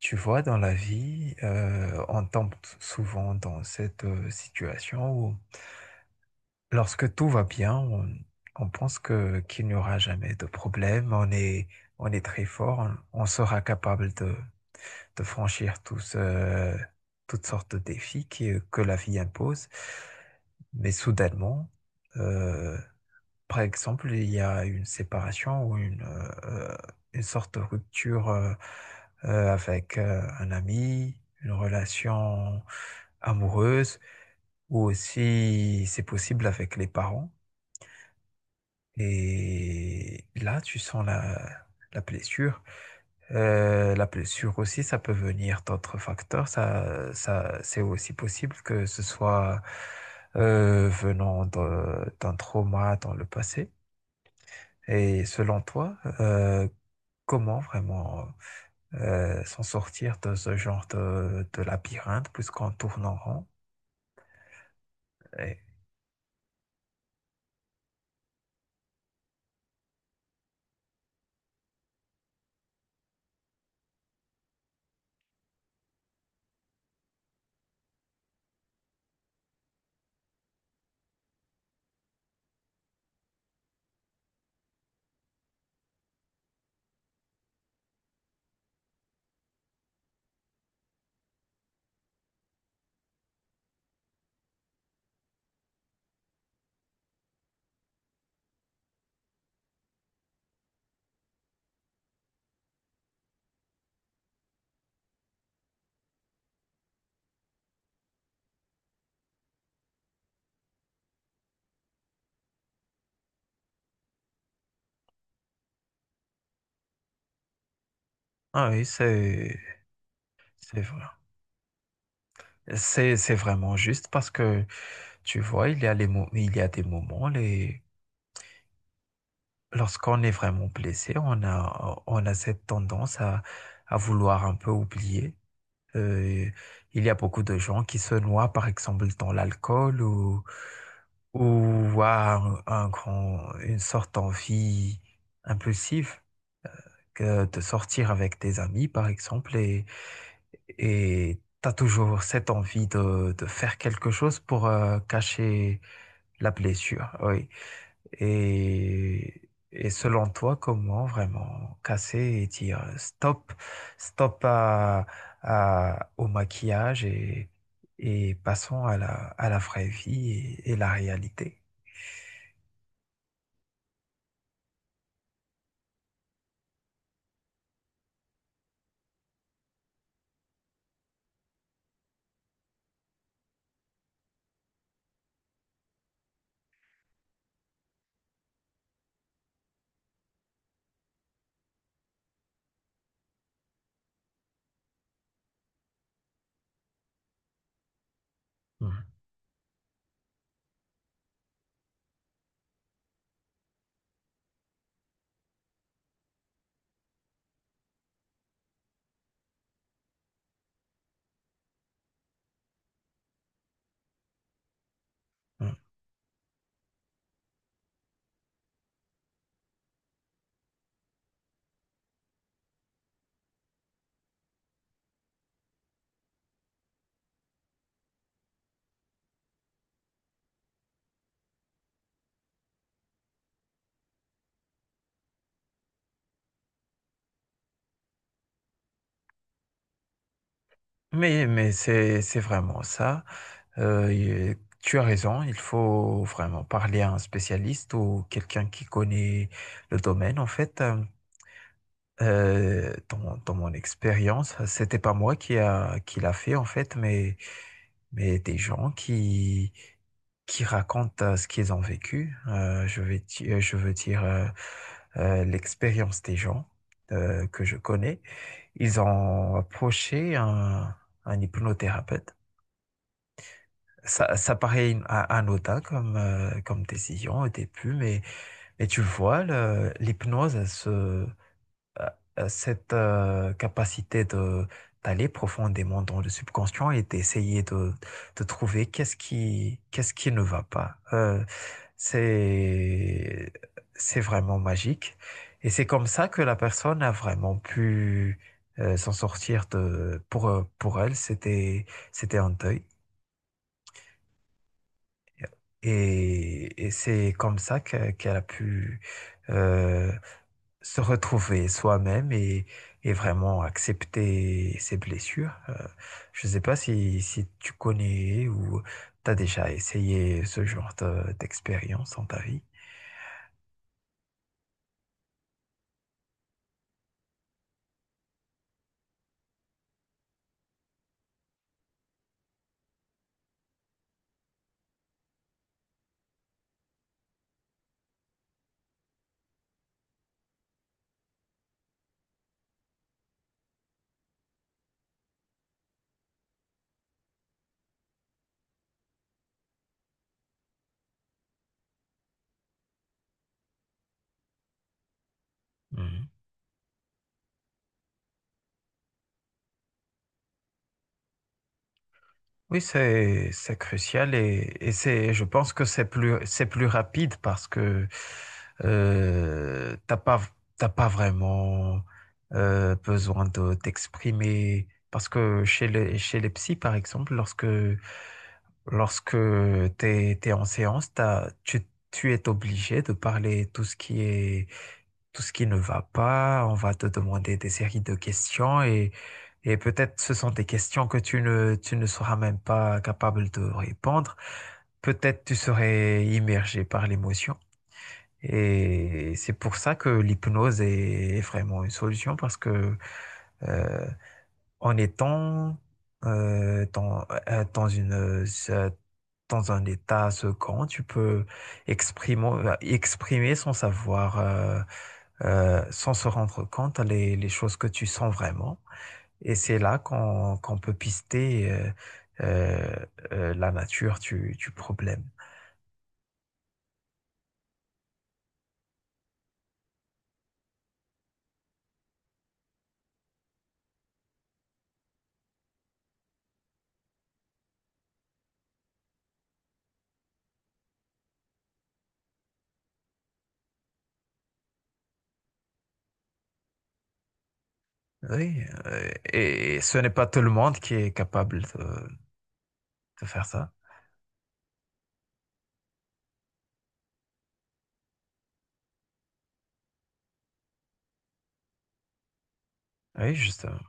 Tu vois, dans la vie, on tombe souvent dans cette situation où, lorsque tout va bien, on pense que qu'il n'y aura jamais de problème, on est très fort, on sera capable de franchir toutes sortes de défis que la vie impose. Mais soudainement, euh, par exemple, il y a une séparation ou une sorte de rupture avec un ami, une relation amoureuse, ou aussi c'est possible avec les parents. Et là, tu sens la blessure. La blessure aussi, ça peut venir d'autres facteurs. C'est aussi possible que ce soit venant d'un trauma dans le passé. Et selon toi, comment vraiment s'en sortir de ce genre de labyrinthe puisqu'on tourne en rond? Et- ah oui, c'est vrai. C'est vraiment juste parce que tu vois, il y a il y a des moments les lorsqu'on est vraiment blessé, on a cette tendance à vouloir un peu oublier. Euh, il y a beaucoup de gens qui se noient, par exemple, dans l'alcool ou à un grand, une sorte d'envie impulsive que de sortir avec tes amis, par exemple, et tu as toujours cette envie de faire quelque chose pour cacher la blessure. Oui. Et, et selon toi, comment vraiment casser et dire stop, stop au maquillage et passons à à la vraie vie et la réalité? Mhm. Mhm. Mais c'est vraiment ça. Tu as raison, il faut vraiment parler à un spécialiste ou quelqu'un qui connaît le domaine, en fait. Dans mon expérience, c'était pas moi qui l'a fait en fait, mais des gens qui racontent ce qu'ils ont vécu. Je veux dire l'expérience des gens que je connais. Ils ont approché un hypnothérapeute. Ça paraît anodin comme, comme décision au début, mais tu vois, l'hypnose, euh, cette capacité de d'aller profondément dans le subconscient et d'essayer de trouver qu'est-ce qui ne va pas. C'est c'est vraiment magique et c'est comme ça que la personne a vraiment pu s'en sortir de pour elle c'était un deuil et c'est comme ça qu'elle a pu euh, se retrouver soi-même et vraiment accepter ses blessures. Je ne sais pas si, si tu connais ou tu as déjà essayé ce genre d'expérience dans ta vie. Mhm. Oui, c'est crucial et c'est, je pense que c'est plus rapide parce que euh, t'as pas, t'as pas vraiment besoin de t'exprimer. Parce que chez les psys, par exemple, lorsque en séance, tu es obligé de parler tout ce qui est, tout ce qui ne va pas. On va te demander des séries de questions et peut-être ce sont des questions que tu ne seras même pas capable de répondre. Peut-être tu serais immergé par l'émotion. Et c'est pour ça que l'hypnose est, est vraiment une solution parce que euh, en étant euh, dans, euh, dans une, euh, dans un état second, tu peux exprimer, exprimer sans savoir, sans se rendre compte les choses que tu sens vraiment. Et c'est là qu'on peut pister euh, la nature du problème. Oui, et ce n'est pas tout le monde qui est capable de faire ça. Oui, justement.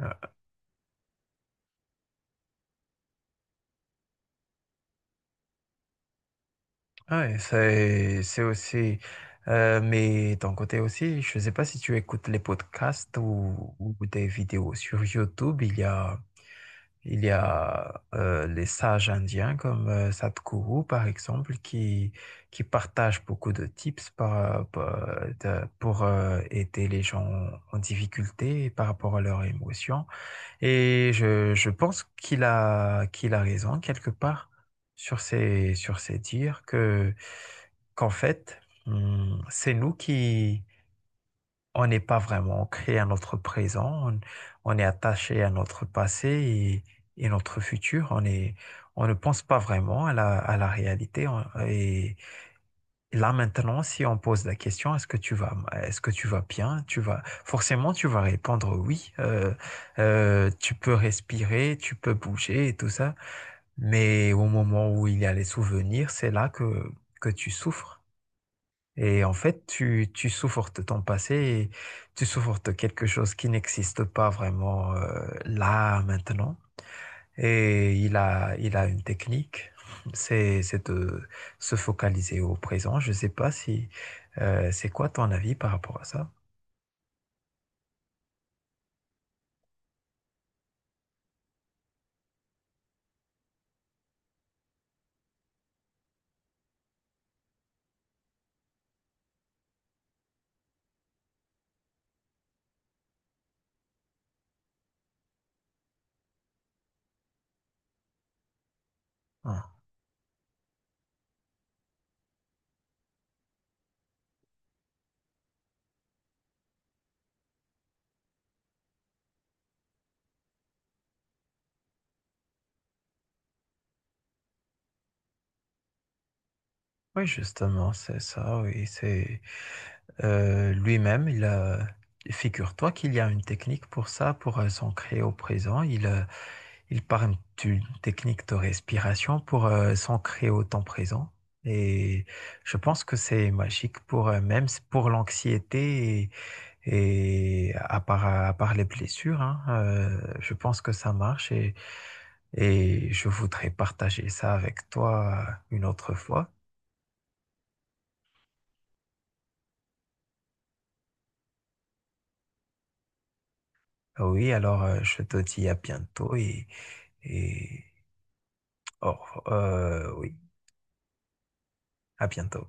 Ouais. Ah ouais, c'est aussi. Mais ton côté aussi, je ne sais pas si tu écoutes les podcasts ou des vidéos sur YouTube. Il y a les sages indiens comme Sadhguru, par exemple, qui partagent beaucoup de tips pour aider les gens en difficulté par rapport à leurs émotions. Et je pense qu'il a raison quelque part sur ces dires qu'en fait, c'est nous qui, on n'est pas vraiment ancré à notre présent, on est attaché à notre passé et notre futur, on ne pense pas vraiment à à la réalité et, là maintenant, si on pose la question, est-ce que tu vas bien? Forcément, tu vas répondre oui. Tu peux respirer, tu peux bouger et tout ça. Mais au moment où il y a les souvenirs, c'est là que tu souffres. Et en fait, tu souffres de ton passé et tu souffres de quelque chose qui n'existe pas vraiment là maintenant. Et il a une technique, c'est de se focaliser au présent. Je ne sais pas si c'est quoi ton avis par rapport à ça? Ah, oui, justement, c'est ça, oui, c'est lui-même, figure-toi qu'il y a une technique pour ça, pour s'ancrer au présent. Il parle d'une technique de respiration pour s'ancrer au temps présent. Et je pense que c'est magique pour même pour l'anxiété. Et à part les blessures, hein, je pense que ça marche et je voudrais partager ça avec toi une autre fois. Ah oui, alors je te dis à bientôt et, et oh, oui, à bientôt.